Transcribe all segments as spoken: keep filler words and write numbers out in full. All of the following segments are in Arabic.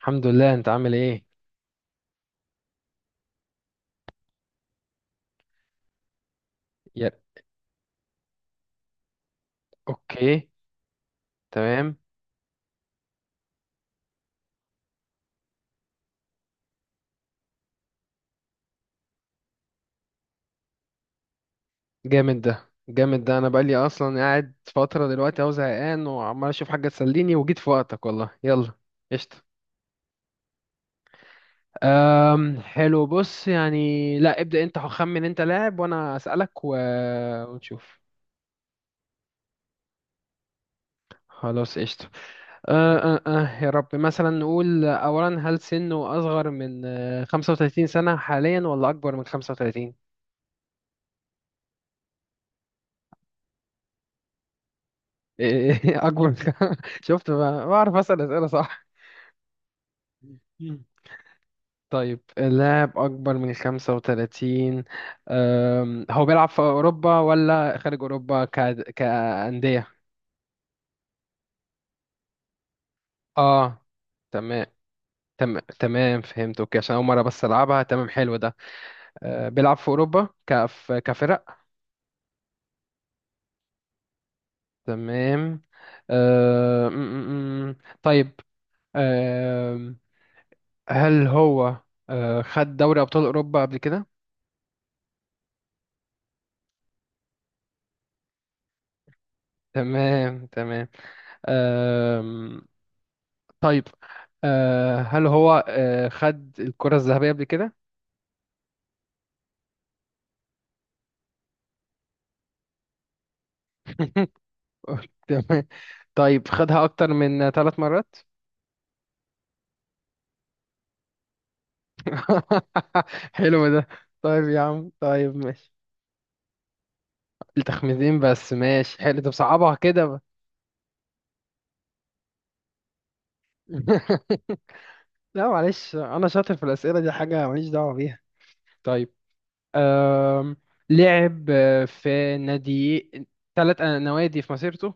الحمد لله، انت عامل ايه؟ يا اوكي، تمام. جامد ده، جامد ده. انا بقالي اصلا قاعد فتره دلوقتي اهو، زهقان وعمال اشوف حاجه تسليني وجيت في وقتك، والله. يلا، قشطه. أم حلو. بص يعني، لا ابدا، انت خمن، انت لاعب وانا اسالك و... ونشوف. خلاص، قشطه. أه أه أه يا رب. مثلا نقول اولا، هل سنه اصغر من آه، خمسة وثلاثين سنه حاليا، ولا اكبر من خمسة وثلاثين؟ اكبر من- شفت بقى، بعرف اسال اسئله صح. مم. طيب، اللاعب أكبر من خمسة وتلاتين. أم، هو بيلعب في أوروبا ولا خارج أوروبا ك... كأندية؟ آه، تمام. تمام تمام، فهمت. أوكي، عشان أول مرة بس ألعبها. تمام، حلو ده. أه، بيلعب في أوروبا كف... كفرق. تمام. أه، م- م- م. طيب، أم، هل هو أه، خد دوري أبطال أوروبا قبل كده؟ تمام، تمام. طيب، آه هل هو آه خد الكرة الذهبية قبل كده؟ تمام. طيب، خدها أكتر من ثلاث مرات؟ حلو ده. طيب يا عم، طيب ماشي. التخمينين بس، ماشي. حلو، طب صعبها كده بقى. لا معلش، أنا شاطر في الأسئلة دي، حاجة ماليش دعوة بيها. طيب، آم لعب آه، في نادي، ثلاث نوادي في مسيرته؟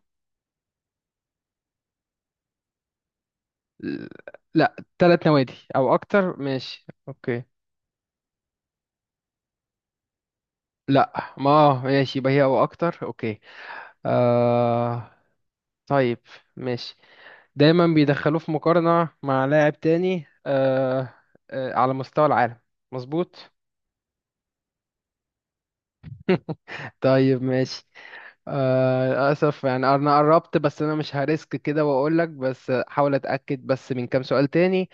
لا، ثلاث نوادي أو أكتر، ماشي أوكي. لا ما آه، ماشي، يبقى هي او اكتر. اوكي آه، طيب ماشي. دايما بيدخلوه في مقارنة مع لاعب تاني آه آه على مستوى العالم، مظبوط. طيب ماشي. آه اسف يعني، انا قربت بس انا مش هريسك كده واقول لك، بس حاول اتاكد بس من كام سؤال تاني.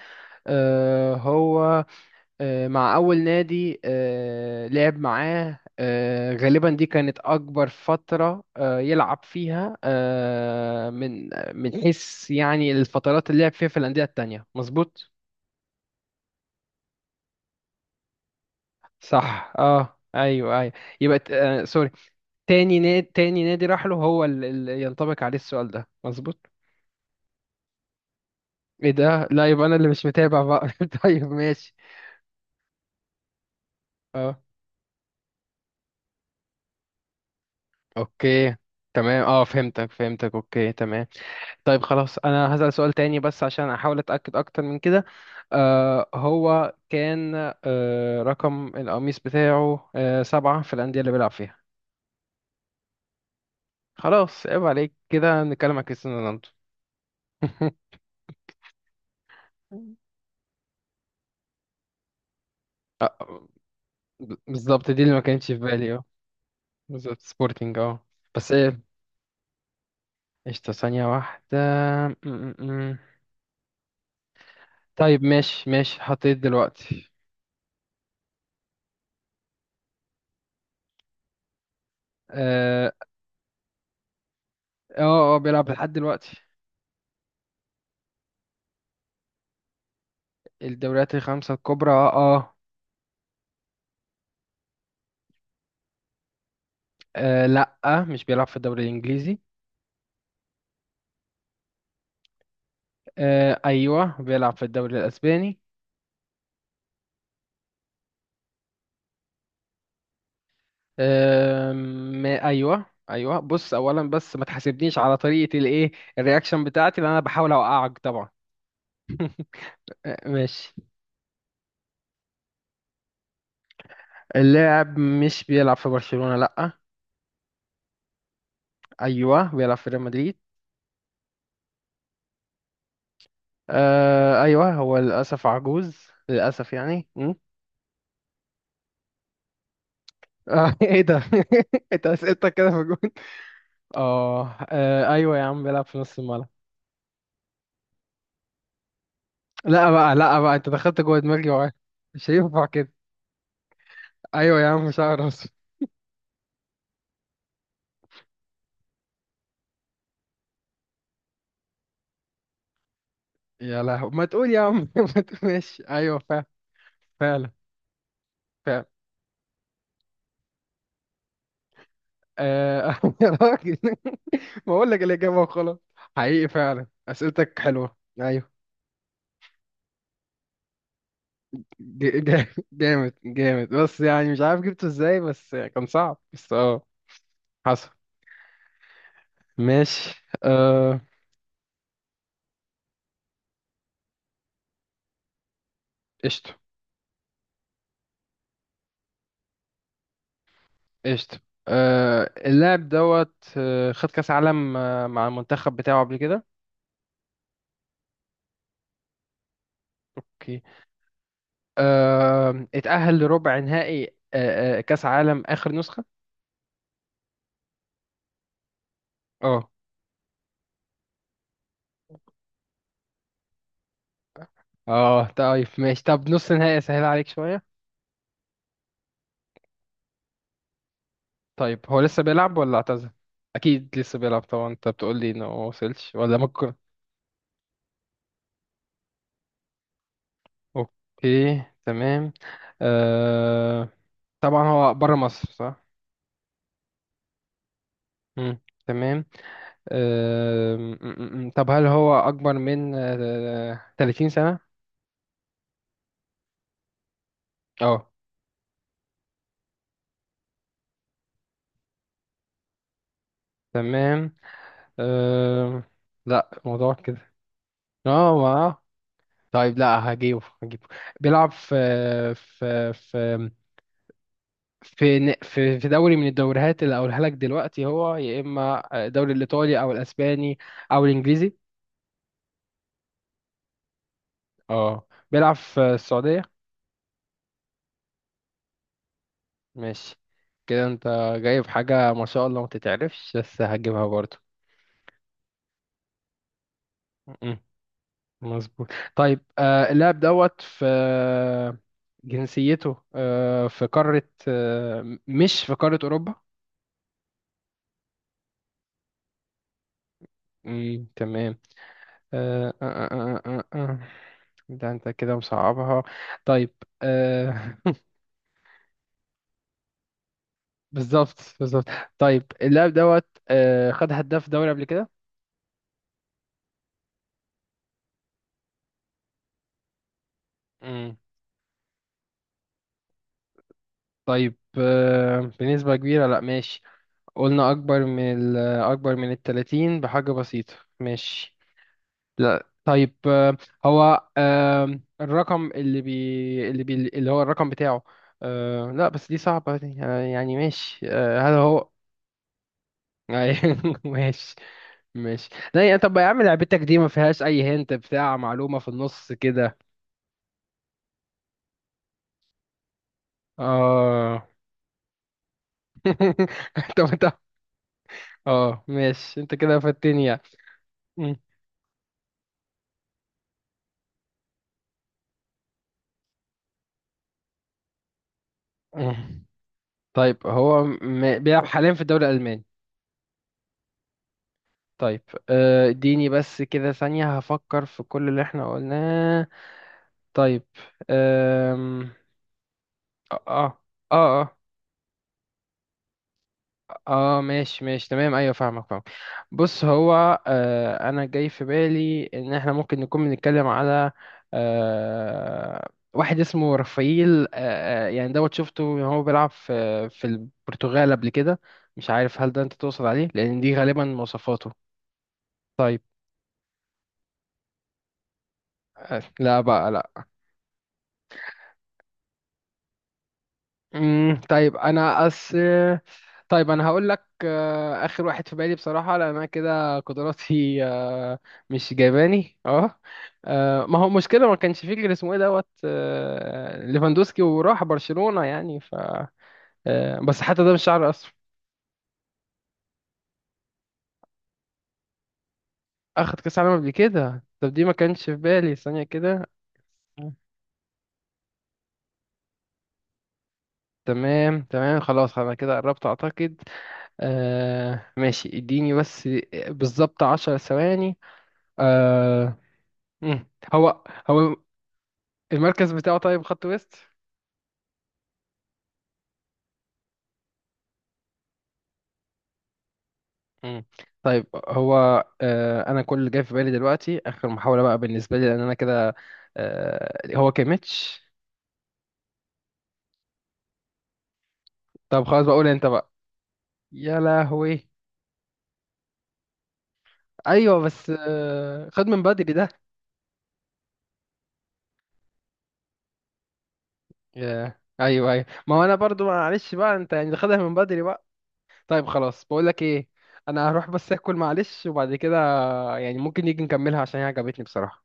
آه هو آه، مع أول نادي آه، لعب معاه، آه، غالبا دي كانت أكبر فترة آه، يلعب فيها، آه، من من حيث يعني الفترات اللي لعب فيها في الأندية التانية، مظبوط؟ صح، اه أيوه أيوه. يبقى ت- آه، سوري، تاني نادي، تاني نادي راح له هو اللي ينطبق عليه السؤال ده، مظبوط؟ ايه ده؟ لا، يبقى أنا اللي مش متابع بقى. طيب ماشي. اه، اوكي تمام. اه فهمتك، فهمتك اوكي تمام. طيب خلاص، انا هسأل سؤال تاني بس عشان احاول اتأكد اكتر من كده. آه هو كان آه رقم القميص بتاعه آه سبعة في الأندية اللي بيلعب فيها؟ خلاص، عيب عليك كده، نتكلم عن كريستيانو رونالدو. آه، ب- بالظبط، دي اللي ما كانتش في بالي اه. بالظبط، سبورتنج اه. بس ايه، قشطة، ثانية واحدة. م- م- م. طيب ماشي، ماشي حطيت دلوقتي. اه اه. آه، بيلعب لحد دلوقتي. الدوريات الخمسة الكبرى، اه آه. آه لا، مش بيلعب في الدوري الإنجليزي. آه أيوه، بيلعب في الدوري الأسباني. آه أيوه أيوه، بص أولا بس ما تحاسبنيش على طريقة الإيه، الرياكشن بتاعتي، لأن أنا بحاول أوقعك طبعا. آه ماشي. اللاعب مش بيلعب في برشلونة، لا. أيوه بيلعب في ريال مدريد. آه أيوه، هو للأسف عجوز للأسف يعني. م? آه إيه ده؟ أنت أسئلتك كده في الجون. آه آه، أيوه يا عم، بيلعب في نص الملعب. لا بقى، لا بقى، انت دخلت جوه دماغي وع- مش هينفع كده. ايوه يا عم، شعر اصفر. يا لهو، ما تقول يا عم. ما تقول، ماشي. ايوه فعلا، فعلا فعلا. آه يا راجل، ما اقول لك الاجابه وخلاص. حقيقي فعلا، اسئلتك حلوه، ايوه. ج- ج- جامد، جامد بس يعني مش عارف جبته ازاي، بس كان صعب بس اه. حصل. ماشي. آه قشطه، قشطه. آه اللاعب دوت آه، خد كاس عالم آه، مع المنتخب بتاعه قبل كده. اوكي. آه، اتأهل لربع نهائي آه، آه، كأس عالم آخر نسخة؟ اه اه. طيب ماشي، طب نص نهائي اسهل عليك شوية. طيب هو لسه بيلعب ولا اعتزل؟ اكيد لسه بيلعب طبعا، انت بتقول لي انه ما وصلش، ولا ممكن. اوكي تمام. آه... طبعا هو بره مصر، صح؟ مم. تمام. آه... م- م- م. طب هل هو اكبر من آه... ثلاثين سنة؟ اه تمام. آه... لا الموضوع كده، اه. طيب لا، هجيبه هجيبه. بيلعب في في في في ن- في في دوري من الدوريات اللي هقولها لك دلوقتي، هو يا اما الدوري الايطالي او الاسباني او الانجليزي. اه، بيلعب في السعوديه؟ ماشي. كده انت جايب حاجه ما شاء الله، ما تتعرفش، بس هجيبها برضو. م- مظبوط. طيب، آه، اللاعب دوت في جنسيته آه، في قاره آه، مش في قاره اوروبا. م، تمام. آه آه آه آه آه. آه. آه. ده انت كده مصعبها. طيب آه. بالظبط بالظبط. طيب، اللاعب دوت آه، خد هداف دوري قبل كده؟ مم. طيب آه بنسبة كبيرة، لا ماشي. قلنا أكبر من ال- أكبر من التلاتين بحاجة بسيطة، ماشي. لا طيب، آه هو آه الرقم اللي بي اللي بي اللي هو الرقم بتاعه آه لا، بس دي صعبة دي. آه يعني ماشي. آه هل هو ماشي ماشي. لا يا، طب يا عم، لعبتك دي ما فيهاش اي هنت بتاع معلومة في النص كده. اه. طب انت، اه ماشي، انت كده فاتني يعني. مم. مم. طيب هو م... بيلعب حاليا في الدوري الألماني. طيب آه، اديني بس كده ثانية هفكر في كل اللي احنا قلناه. طيب آم، اه اه اه اه اه ماشي ماشي تمام، ايوه فاهمك، فاهم. بص هو، آه انا جاي في بالي ان احنا ممكن نكون بنتكلم على آه واحد اسمه رافائيل. آه آه، يعني دوت شفته وهو بيلعب في في البرتغال قبل كده، مش عارف هل ده انت تقصد عليه، لان دي غالبا مواصفاته. طيب آه لا بقى لا. امم طيب انا أس طيب انا هقول لك آه، اخر واحد في بالي بصراحه، لان انا كده قدراتي آه، مش جايباني اه. آه، ما هو مشكله ما كانش فيه غير اسمه ايه دوت آه، ليفاندوسكي وراح برشلونه يعني، ف آه، بس حتى ده مش شعر اصلا. اخد كاس عالم قبل كده؟ طب دي ما كانش في بالي، ثانيه كده. تمام تمام، خلاص انا كده قربت اعتقد. آه ماشي، اديني بس بالظبط عشر ثواني. آه مم. هو هو المركز بتاعه، طيب خط ويست. مم. طيب هو، آه انا كل اللي جاي في بالي دلوقتي اخر محاولة بقى بالنسبة لي، لان انا كده آه هو كيميتش؟ طب خلاص، بقول انت بقى. يا لهوي. ايوه بس آه خد من بدري ده. يا ايوه ايوه، ما هو انا برضو معلش بقى، انت يعني خدها من بدري بقى. طيب خلاص، بقول لك ايه، انا هروح بس اكل معلش، وبعد كده يعني ممكن نيجي نكملها، عشان هي عجبتني بصراحة.